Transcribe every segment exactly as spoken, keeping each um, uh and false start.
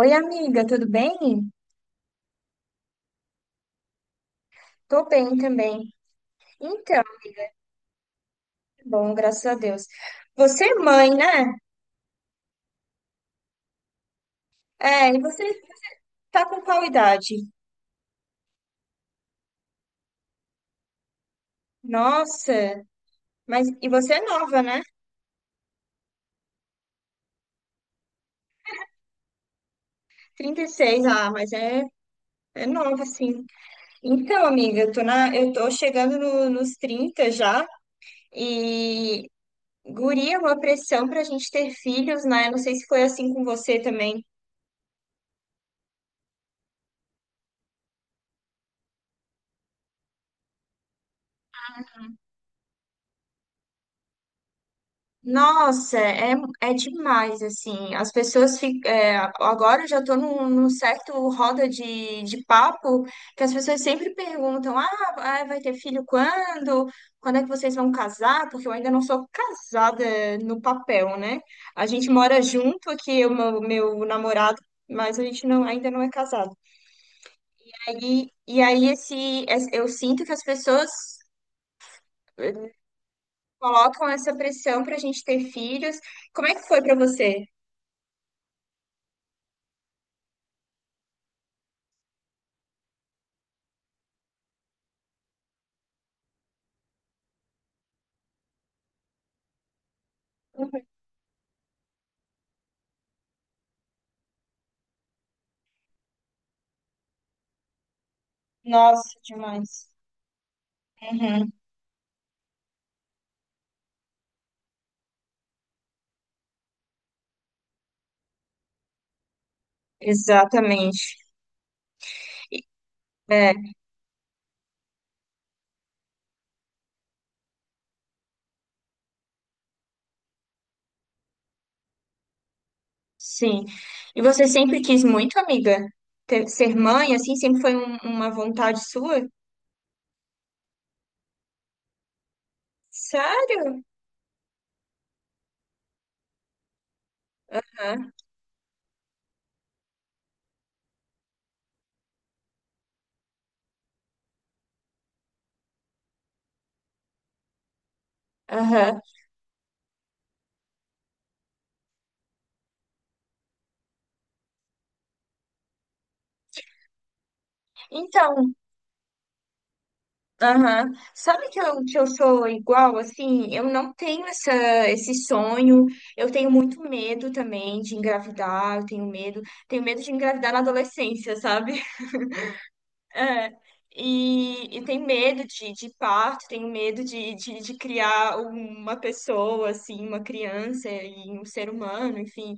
Oi, amiga, tudo bem? Tô bem também. Então, tá bom, graças a Deus. Você é mãe, né? É, e você tá com qual idade? Nossa, mas e você é nova, né? Trinta e seis, ah, mas é, é nova, sim. Então, amiga, eu tô na, eu tô chegando no- nos trinta já e guria, uma pressão pra gente ter filhos, né? Eu não sei se foi assim com você também. Nossa, é, é demais, assim, as pessoas ficam, agora eu já estou num, num certo roda de, de papo, que as pessoas sempre perguntam, ah, ah, vai ter filho quando? Quando é que vocês vão casar? Porque eu ainda não sou casada no papel, né? A gente mora junto aqui, o meu, meu namorado, mas a gente não, ainda não é casado. Aí, e aí esse, es- eu sinto que as pessoas eh, colocam essa pressão para a gente ter filhos. Como é que foi para você? Nossa, demais. Uhum, exatamente. É, sim. E você sempre quis muito, amiga, ter- ser mãe, assim, sempre foi um- uma vontade sua? Sério? Aham. Aham. Então, aham. Sabe que eu, que eu sou igual, assim? Eu não tenho essa, esse sonho. Eu tenho muito medo também de engravidar. Eu tenho medo. Tenho medo de engravidar na adolescência, sabe? É, e, e tem medo de, de parto, tem medo de, de, de criar uma pessoa, assim, uma criança e um ser humano, enfim.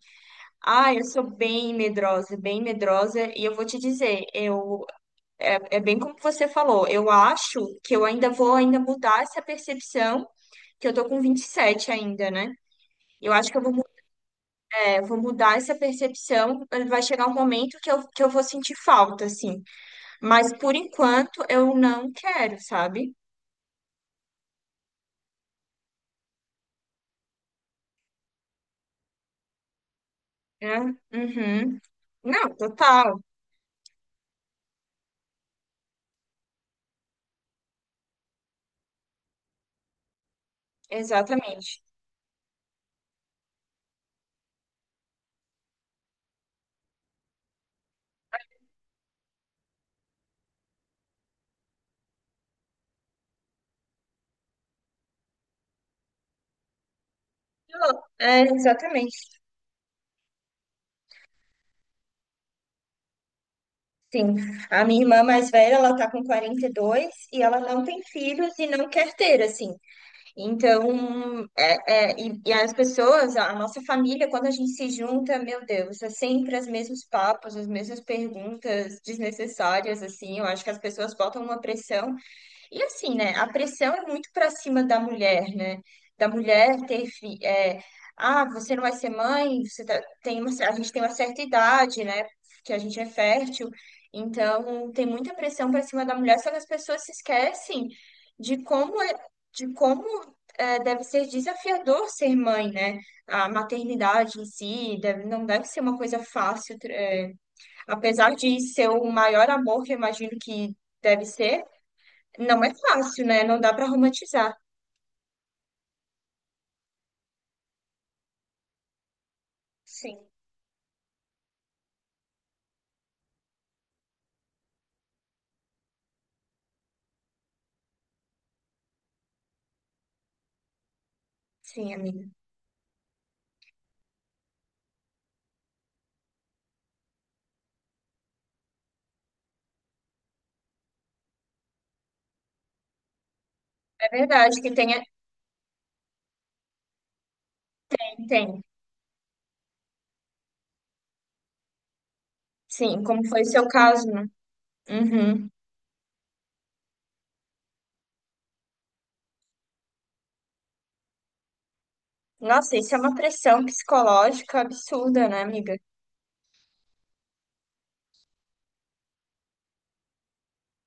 Ah, eu sou bem medrosa, bem medrosa, e eu vou te dizer, eu é, é bem como você falou, eu acho que eu ainda vou ainda mudar essa percepção, que eu tô com vinte e sete ainda, né? Eu acho que eu vou, mu- é, vou mudar essa percepção, vai chegar um momento que eu, que eu vou sentir falta, assim. Mas por enquanto eu não quero, sabe? Né? Uhum. Não, total, exatamente. Eu- É, exatamente, sim. A minha irmã mais velha, ela tá com quarenta e dois e dois e ela não tem filhos e não quer ter, assim. Então, é, é, e, e as pessoas, a nossa família, quando a gente se junta, meu Deus, é sempre os mesmos papos, as mesmas perguntas desnecessárias, assim. Eu acho que as pessoas botam uma pressão. E assim, né? A pressão é muito para cima da mulher, né? Da mulher ter fi- é, ah, você não vai ser mãe, você tá- tem uma, cer- a gente tem uma certa idade, né? Que a gente é fértil. Então, tem muita pressão para cima da mulher, só que as pessoas se esquecem de como é, de como é, deve ser desafiador ser mãe, né? A maternidade em si deve, não deve ser uma coisa fácil, tr- é, apesar de ser o maior amor que eu imagino que deve ser. Não é fácil, né? Não dá para romantizar. Sim, sim, amiga. É verdade que tem, tem. Sim, como foi o seu caso, né? Uhum. Nossa, isso é uma pressão psicológica absurda, né, amiga?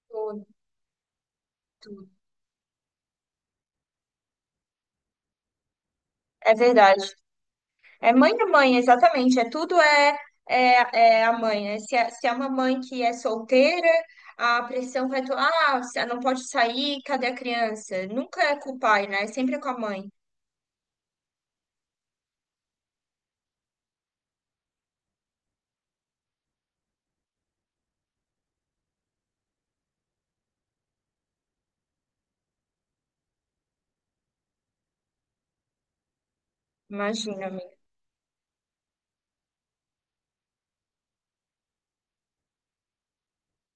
Tudo, tudo. É verdade. É mãe a mãe, exatamente. É tudo é, é, é a mãe, né? Se é, se é uma mãe que é solteira, a pressão vai... to- Ah, você não pode sair, cadê a criança? Nunca é com o pai, né? É sempre com a mãe. Imagina.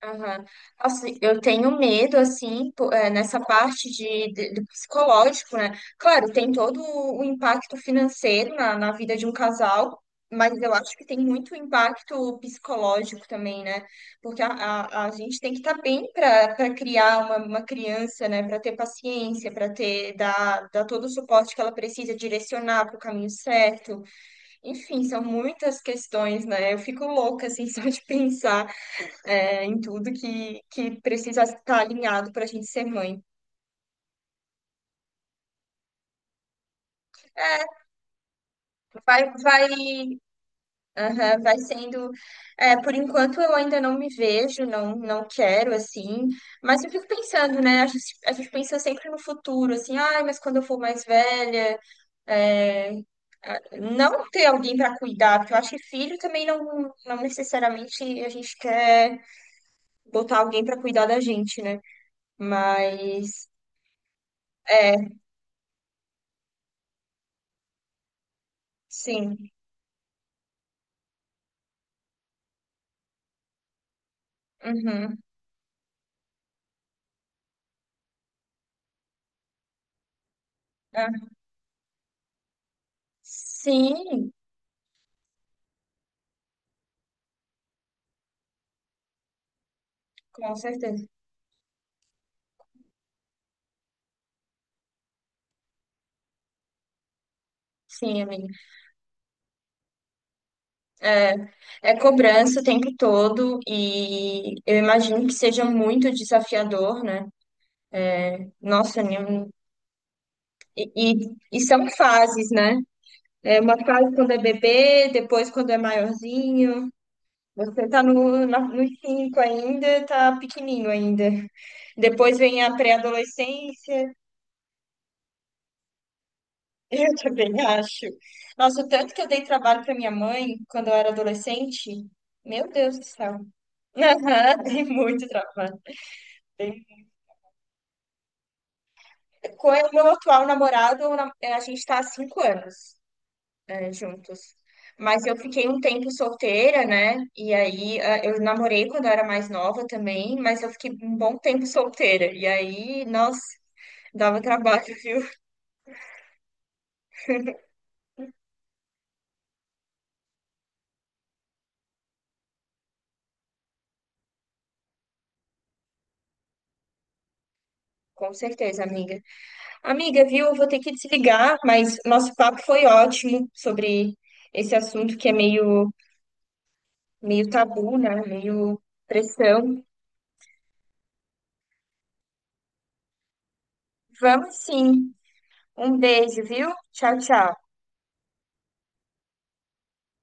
Aham. Nossa, eu tenho medo, assim, po- é, nessa parte de, de- do psicológico, né? Claro, tem todo o impacto financeiro na, na vida de um casal, mas eu acho que tem muito impacto psicológico também, né? Porque a, a, a gente tem que estar bem para para criar uma, uma criança, né? Para ter paciência, para ter, dar, dar todo o suporte que ela precisa, direcionar para o caminho certo. Enfim, são muitas questões, né? Eu fico louca, assim, só de pensar é, em tudo que, que precisa estar alinhado para a gente ser mãe. Vai, vai, aham, vai sendo. É, por enquanto eu ainda não me vejo, não, não quero assim, mas eu fico pensando, né? A gente, a gente pensa sempre no futuro, assim, ai, mas quando eu for mais velha, é, não ter alguém para cuidar, porque eu acho que filho também não, não necessariamente a gente quer botar alguém para cuidar da gente, né? Mas, é, sim. Uhum. Ah, sim, com certeza. Sim, amiga. É, é cobrança o tempo todo e eu imagino que seja muito desafiador, né? Nossa, nem- um, e, e, e são fases, né? É uma fase quando é bebê, depois quando é maiorzinho. Você tá no, na- nos cinco ainda, tá pequenininho ainda. Depois vem a pré-adolescência, eu também acho. Nossa, o tanto que eu dei trabalho pra minha mãe quando eu era adolescente, meu Deus do céu. Aham, tem muito trabalho. Tem- Com o meu atual namorado, o nam- a gente está há cinco anos é, juntos. Mas eu fiquei um tempo solteira, né? E aí ah, eu namorei quando eu era mais nova também, mas eu fiquei um bom tempo solteira. E aí, nossa, dava trabalho, viu? Com certeza, amiga. Amiga, viu? Eu vou ter que desligar, mas nosso papo foi ótimo sobre esse assunto que é meio, meio tabu, né? Meio pressão. Vamos sim. Um beijo, viu? Tchau, tchau.